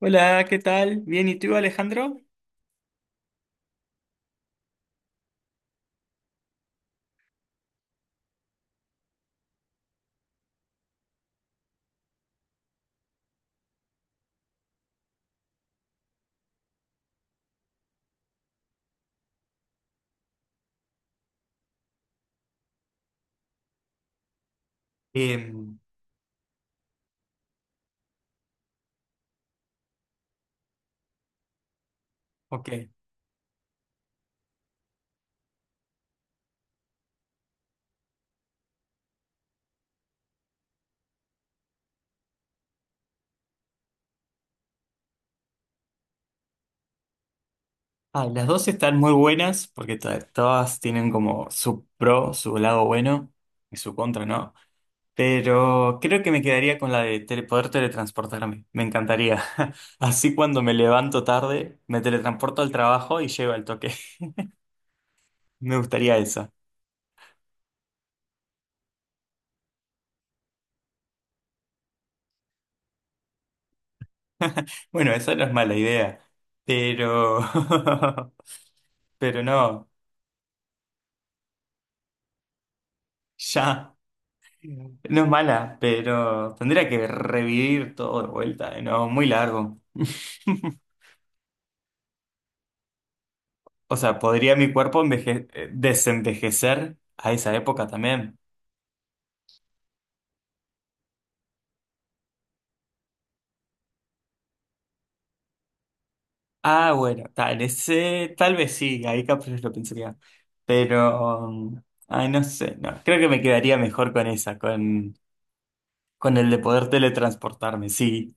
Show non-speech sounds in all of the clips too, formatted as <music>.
Hola, ¿qué tal? Bien, ¿y tú, Alejandro? Em, ok. Ah, las dos están muy buenas porque todas tienen como su pro, su lado bueno y su contra, ¿no? Pero creo que me quedaría con la de poder teletransportarme. Me encantaría. <laughs> Así cuando me levanto tarde, me teletransporto al trabajo y llego al toque. <laughs> Me gustaría esa. Bueno, esa no es mala idea, pero... <laughs> pero no, ya. No es mala, pero tendría que revivir todo de vuelta, ¿no? Muy largo. <laughs> O sea, ¿podría mi cuerpo desenvejecer a esa época también? Ah, bueno, tal, ese, tal vez sí, ahí capaz lo pensaría. Pero, ay, no sé, no, creo que me quedaría mejor con esa, con el de poder teletransportarme, sí.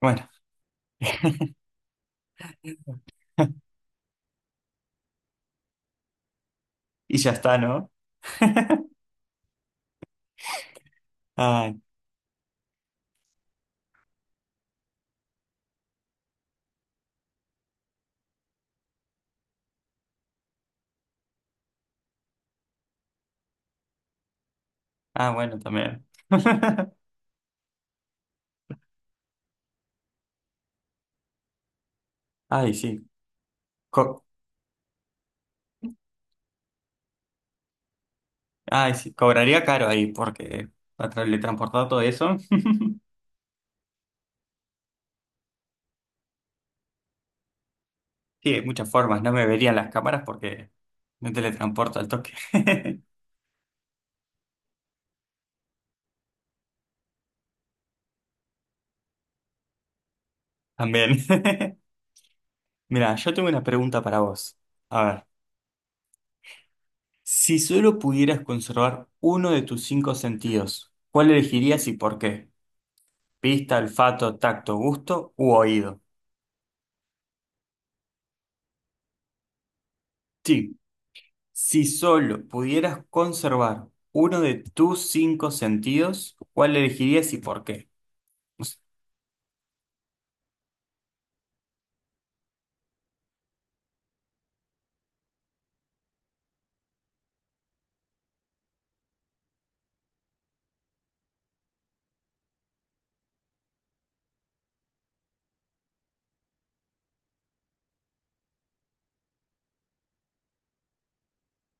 Bueno, y ya está, ¿no? <laughs> Ay, ah, bueno, también. <laughs> Ay, sí. Ay, sí, cobraría caro ahí porque para le transportar todo eso. <laughs> Sí, hay muchas formas. No me verían las cámaras porque me teletransporto al toque. <laughs> También. <laughs> Mira, yo tengo una pregunta para vos. A ver, si solo pudieras conservar uno de tus cinco sentidos, ¿cuál elegirías y por qué? Vista, olfato, tacto, gusto u oído. Sí, si solo pudieras conservar uno de tus cinco sentidos, ¿cuál elegirías y por qué?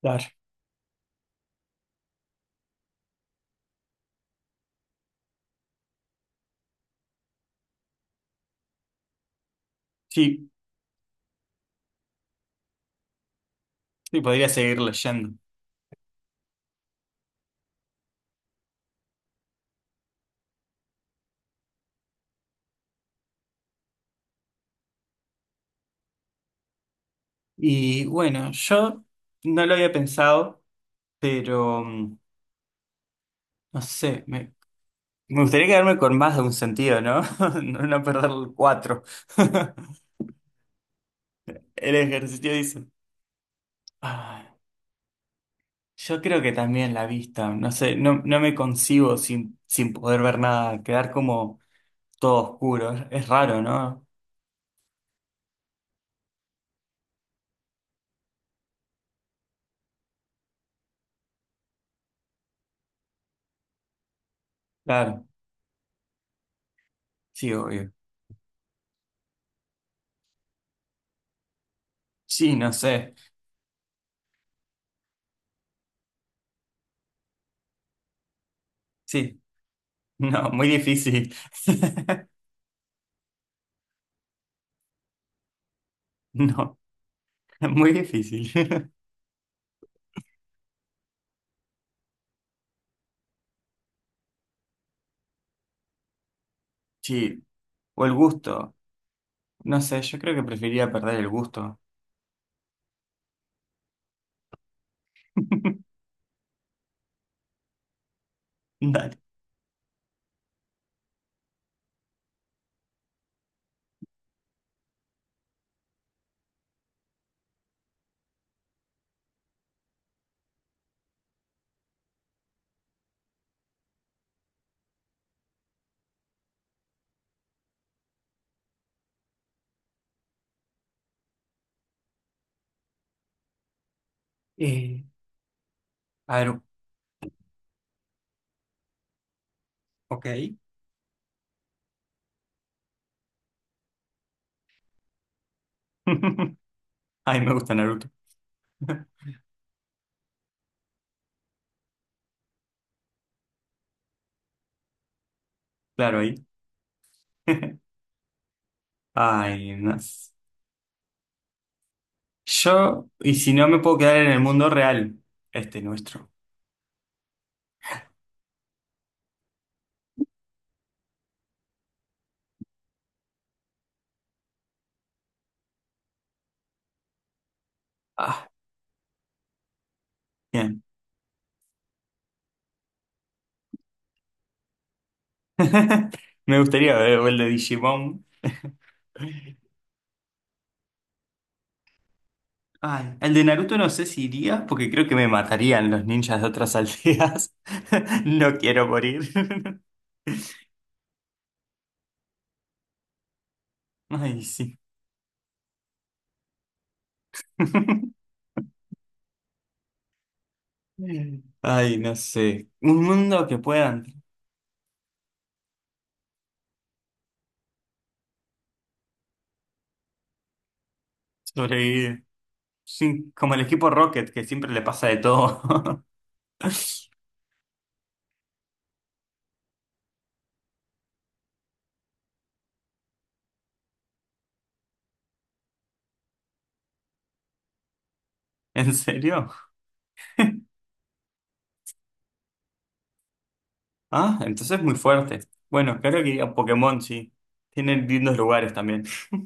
Claro. Sí. Sí, podría seguir leyendo. Y bueno, yo no lo había pensado, pero mm, no sé, me gustaría quedarme con más de un sentido, ¿no? <laughs> No perder el cuatro. <laughs> El ejercicio dice. Ah, yo creo que también la vista, no sé, no, no me concibo sin, sin poder ver nada, quedar como todo oscuro. Es raro, ¿no? Claro, sí, obvio. Sí, no sé. Sí, <laughs> no, muy difícil. <laughs> No, muy difícil. <laughs> Sí, o el gusto. No sé, yo creo que preferiría perder el gusto. <laughs> Dale. Eh, a ver, ok. <laughs> Ay, me gusta Naruto. Claro, ahí. <laughs> Ay, no. s- Yo, y si no me puedo quedar en el mundo real, este nuestro. Ah, bien. <laughs> Me gustaría ver o el de Digimon. <laughs> Ay, el de Naruto no sé si iría porque creo que me matarían los ninjas de otras aldeas. <laughs> No quiero morir. <laughs> Ay, sí. <laughs> Ay, no sé. Un mundo que puedan sobrevivir. Sí, como el equipo Rocket, que siempre le pasa de todo. <laughs> ¿En serio? Ah, entonces muy fuerte. Bueno, claro que iría a Pokémon, sí. Tienen lindos lugares también. <laughs>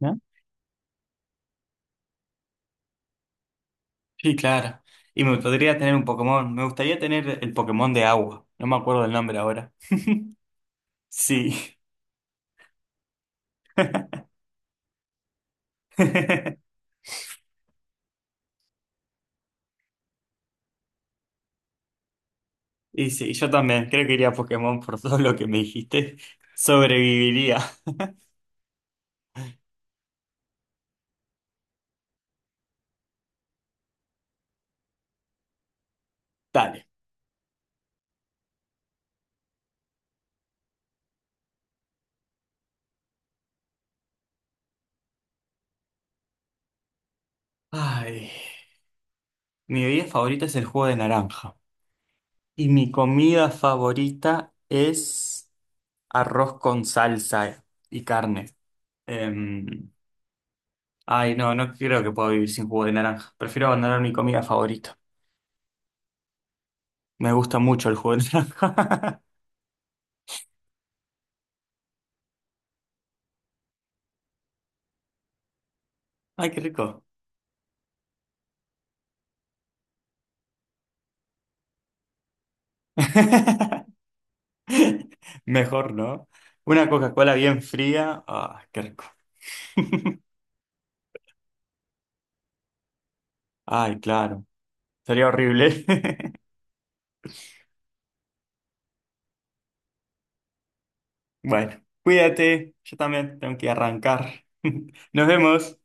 ¿No? Sí, claro. Y me podría tener un Pokémon. Me gustaría tener el Pokémon de agua. No me acuerdo el nombre ahora. Sí. <laughs> Y sí, yo también. Creo que iría a Pokémon por todo lo que me dijiste. Sobreviviría. Dale. Ay. Mi bebida favorita es el jugo de naranja. Y mi comida favorita es arroz con salsa y carne. Em, ay, no, no creo que pueda vivir sin jugo de naranja. Prefiero abandonar mi comida favorita. Me gusta mucho el jugo de naranja. <laughs> Ay, qué rico. <laughs> Mejor, ¿no? Una Coca-Cola bien fría. Ah, qué rico. Ay, claro. Sería horrible. <laughs> Bueno, cuídate. Yo también tengo que arrancar. <laughs> Nos vemos.